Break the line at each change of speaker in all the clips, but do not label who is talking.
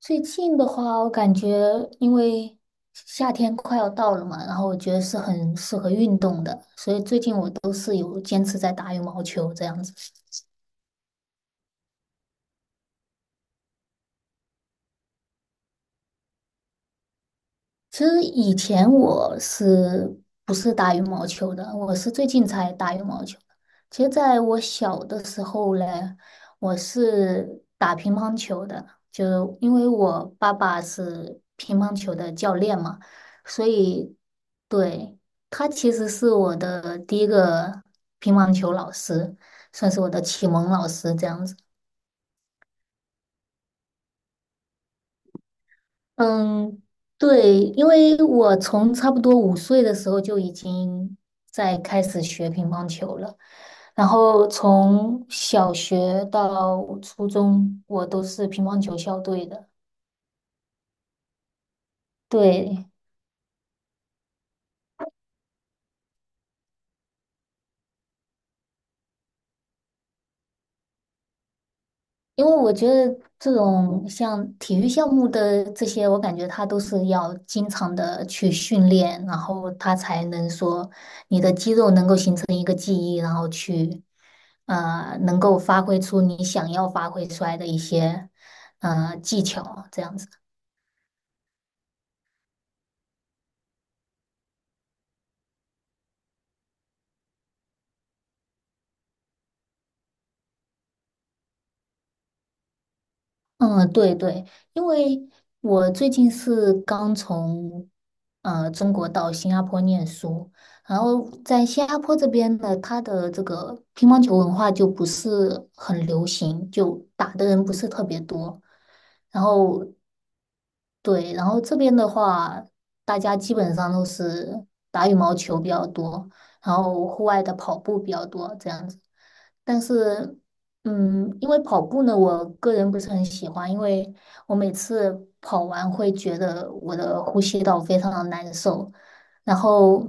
最近的话，我感觉因为夏天快要到了嘛，然后我觉得是很适合运动的，所以最近我都是有坚持在打羽毛球这样子。其实以前我是不是打羽毛球的？我是最近才打羽毛球的。其实，在我小的时候嘞，我是打乒乓球的，就因为我爸爸是乒乓球的教练嘛，所以对，他其实是我的第一个乒乓球老师，算是我的启蒙老师这样子。嗯，对，因为我从差不多5岁的时候就已经在开始学乒乓球了，然后从小学到初中，我都是乒乓球校队的。对，因为我觉得这种像体育项目的这些，我感觉他都是要经常的去训练，然后他才能说你的肌肉能够形成一个记忆，然后去能够发挥出你想要发挥出来的一些技巧，这样子。嗯，对对，因为我最近是刚从中国到新加坡念书，然后在新加坡这边呢，它的这个乒乓球文化就不是很流行，就打的人不是特别多。然后对，然后这边的话，大家基本上都是打羽毛球比较多，然后户外的跑步比较多这样子。但是，嗯，因为跑步呢，我个人不是很喜欢，因为我每次跑完会觉得我的呼吸道非常的难受，然后。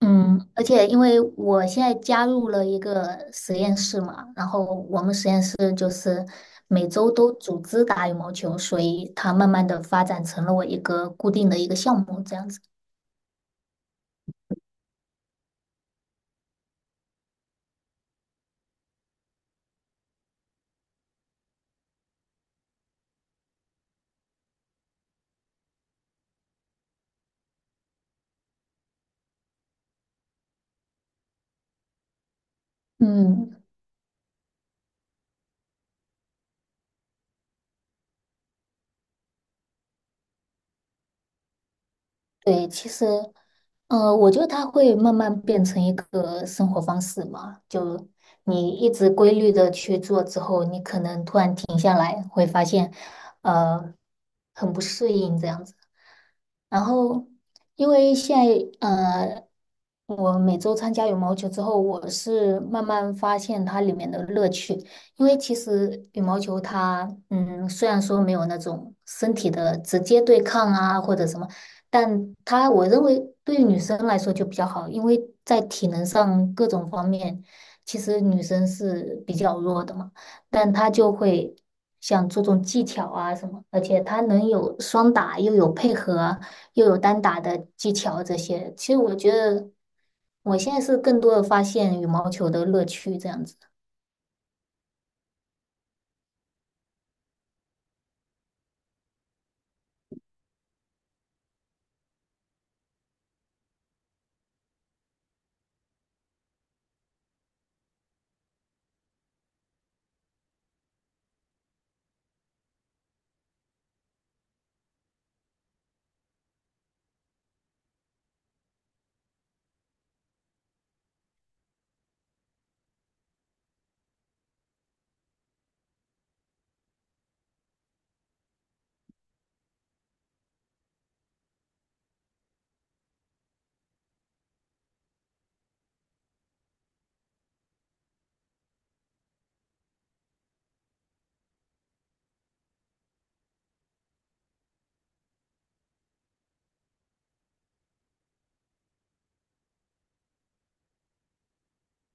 嗯，而且因为我现在加入了一个实验室嘛，然后我们实验室就是每周都组织打羽毛球，所以它慢慢的发展成了我一个固定的一个项目这样子。嗯。对，其实，我觉得它会慢慢变成一个生活方式嘛。就你一直规律的去做之后，你可能突然停下来，会发现，呃，很不适应这样子。然后，因为现在，我每周参加羽毛球之后，我是慢慢发现它里面的乐趣。因为其实羽毛球它，嗯，虽然说没有那种身体的直接对抗啊，或者什么。但她我认为对于女生来说就比较好，因为在体能上各种方面，其实女生是比较弱的嘛，但她就会想注重技巧啊什么，而且她能有双打，又有配合，又有单打的技巧这些。其实我觉得我现在是更多的发现羽毛球的乐趣这样子。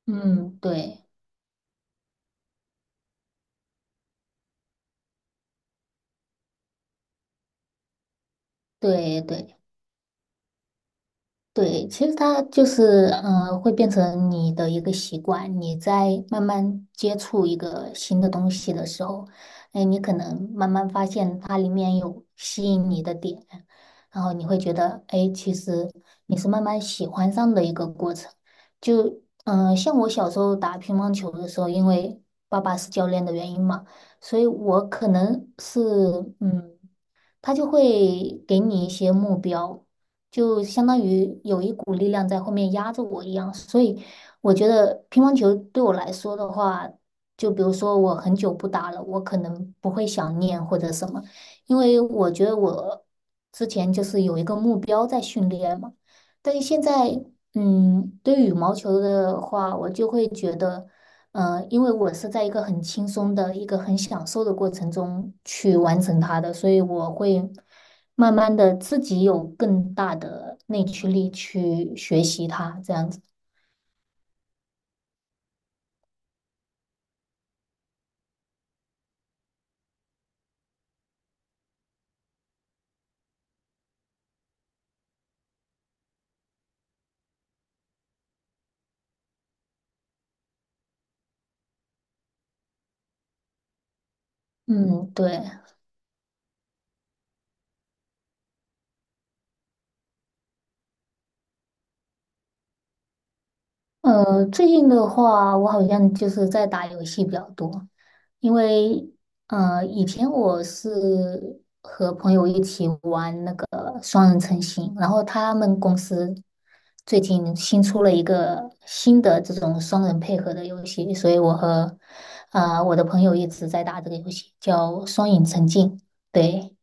嗯，对对对。对，其实它就是，嗯，会变成你的一个习惯。你在慢慢接触一个新的东西的时候，哎，你可能慢慢发现它里面有吸引你的点，然后你会觉得，哎，其实你是慢慢喜欢上的一个过程。就，像我小时候打乒乓球的时候，因为爸爸是教练的原因嘛，所以我可能是，嗯。他就会给你一些目标，就相当于有一股力量在后面压着我一样。所以我觉得乒乓球对我来说的话，就比如说我很久不打了，我可能不会想念或者什么，因为我觉得我之前就是有一个目标在训练嘛。但是现在，对于羽毛球的话，我就会觉得。呃，因为我是在一个很轻松的、一个很享受的过程中去完成它的，所以我会慢慢的自己有更大的内驱力去学习它，这样子。嗯，对。呃，最近的话，我好像就是在打游戏比较多，因为以前我是和朋友一起玩那个双人成行，然后他们公司最近新出了一个新的这种双人配合的游戏，所以我和我的朋友一直在打这个游戏，叫《双影成境》。对，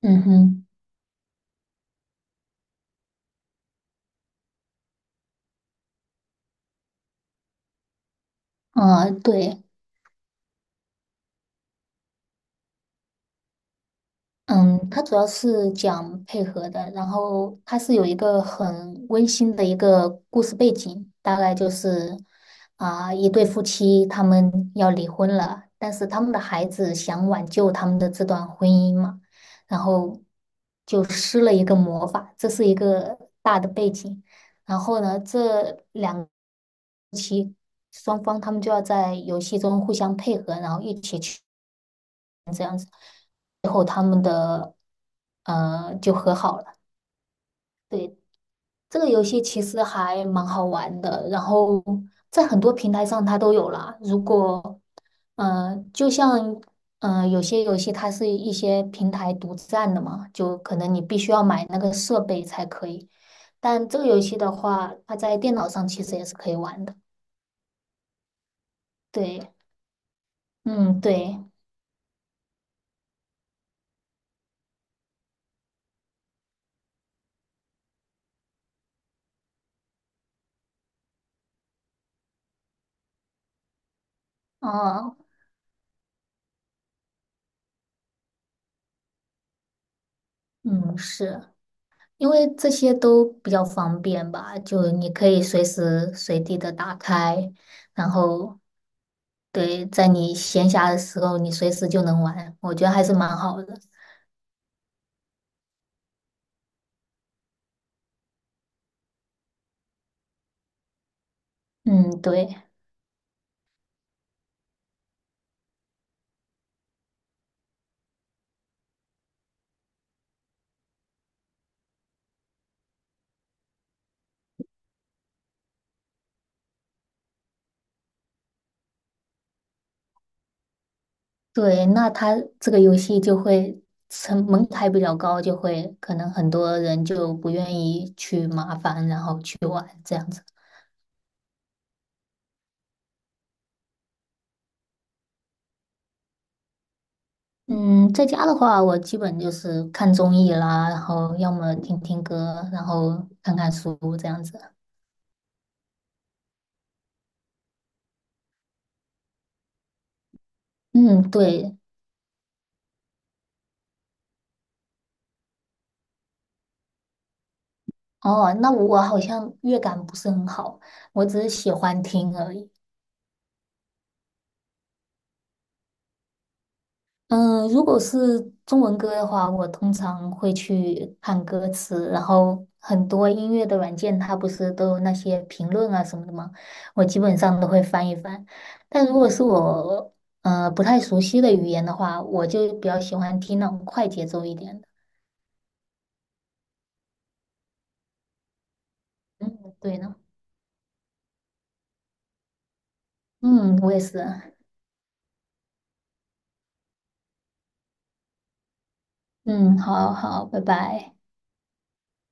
嗯哼，啊、对。嗯，它主要是讲配合的，然后它是有一个很温馨的一个故事背景，大概就是一对夫妻他们要离婚了，但是他们的孩子想挽救他们的这段婚姻嘛，然后就施了一个魔法，这是一个大的背景。然后呢，双方他们就要在游戏中互相配合，然后一起去，最后他们的就和好了。对，这个游戏其实还蛮好玩的，然后在很多平台上它都有啦。如果，嗯，就像，嗯，有些游戏它是一些平台独占的嘛，就可能你必须要买那个设备才可以。但这个游戏的话，它在电脑上其实也是可以玩的。对，嗯，对，哦，嗯，是因为这些都比较方便吧，就你可以随时随地的打开。然后对，在你闲暇的时候，你随时就能玩，我觉得还是蛮好的。嗯，对对，那它这个游戏就会成门槛比较高，就会可能很多人就不愿意去麻烦，然后去玩这样子。嗯，在家的话，我基本就是看综艺啦，然后要么听听歌，然后看看书这样子。嗯，对。哦，那我好像乐感不是很好，我只是喜欢听而已。嗯，如果是中文歌的话，我通常会去看歌词，然后很多音乐的软件它不是都有那些评论啊什么的吗？我基本上都会翻一翻。但如果是我不太熟悉的语言的话，我就比较喜欢听那种快节奏一点的。嗯，对呢。嗯，我也是啊。嗯，好好，拜拜。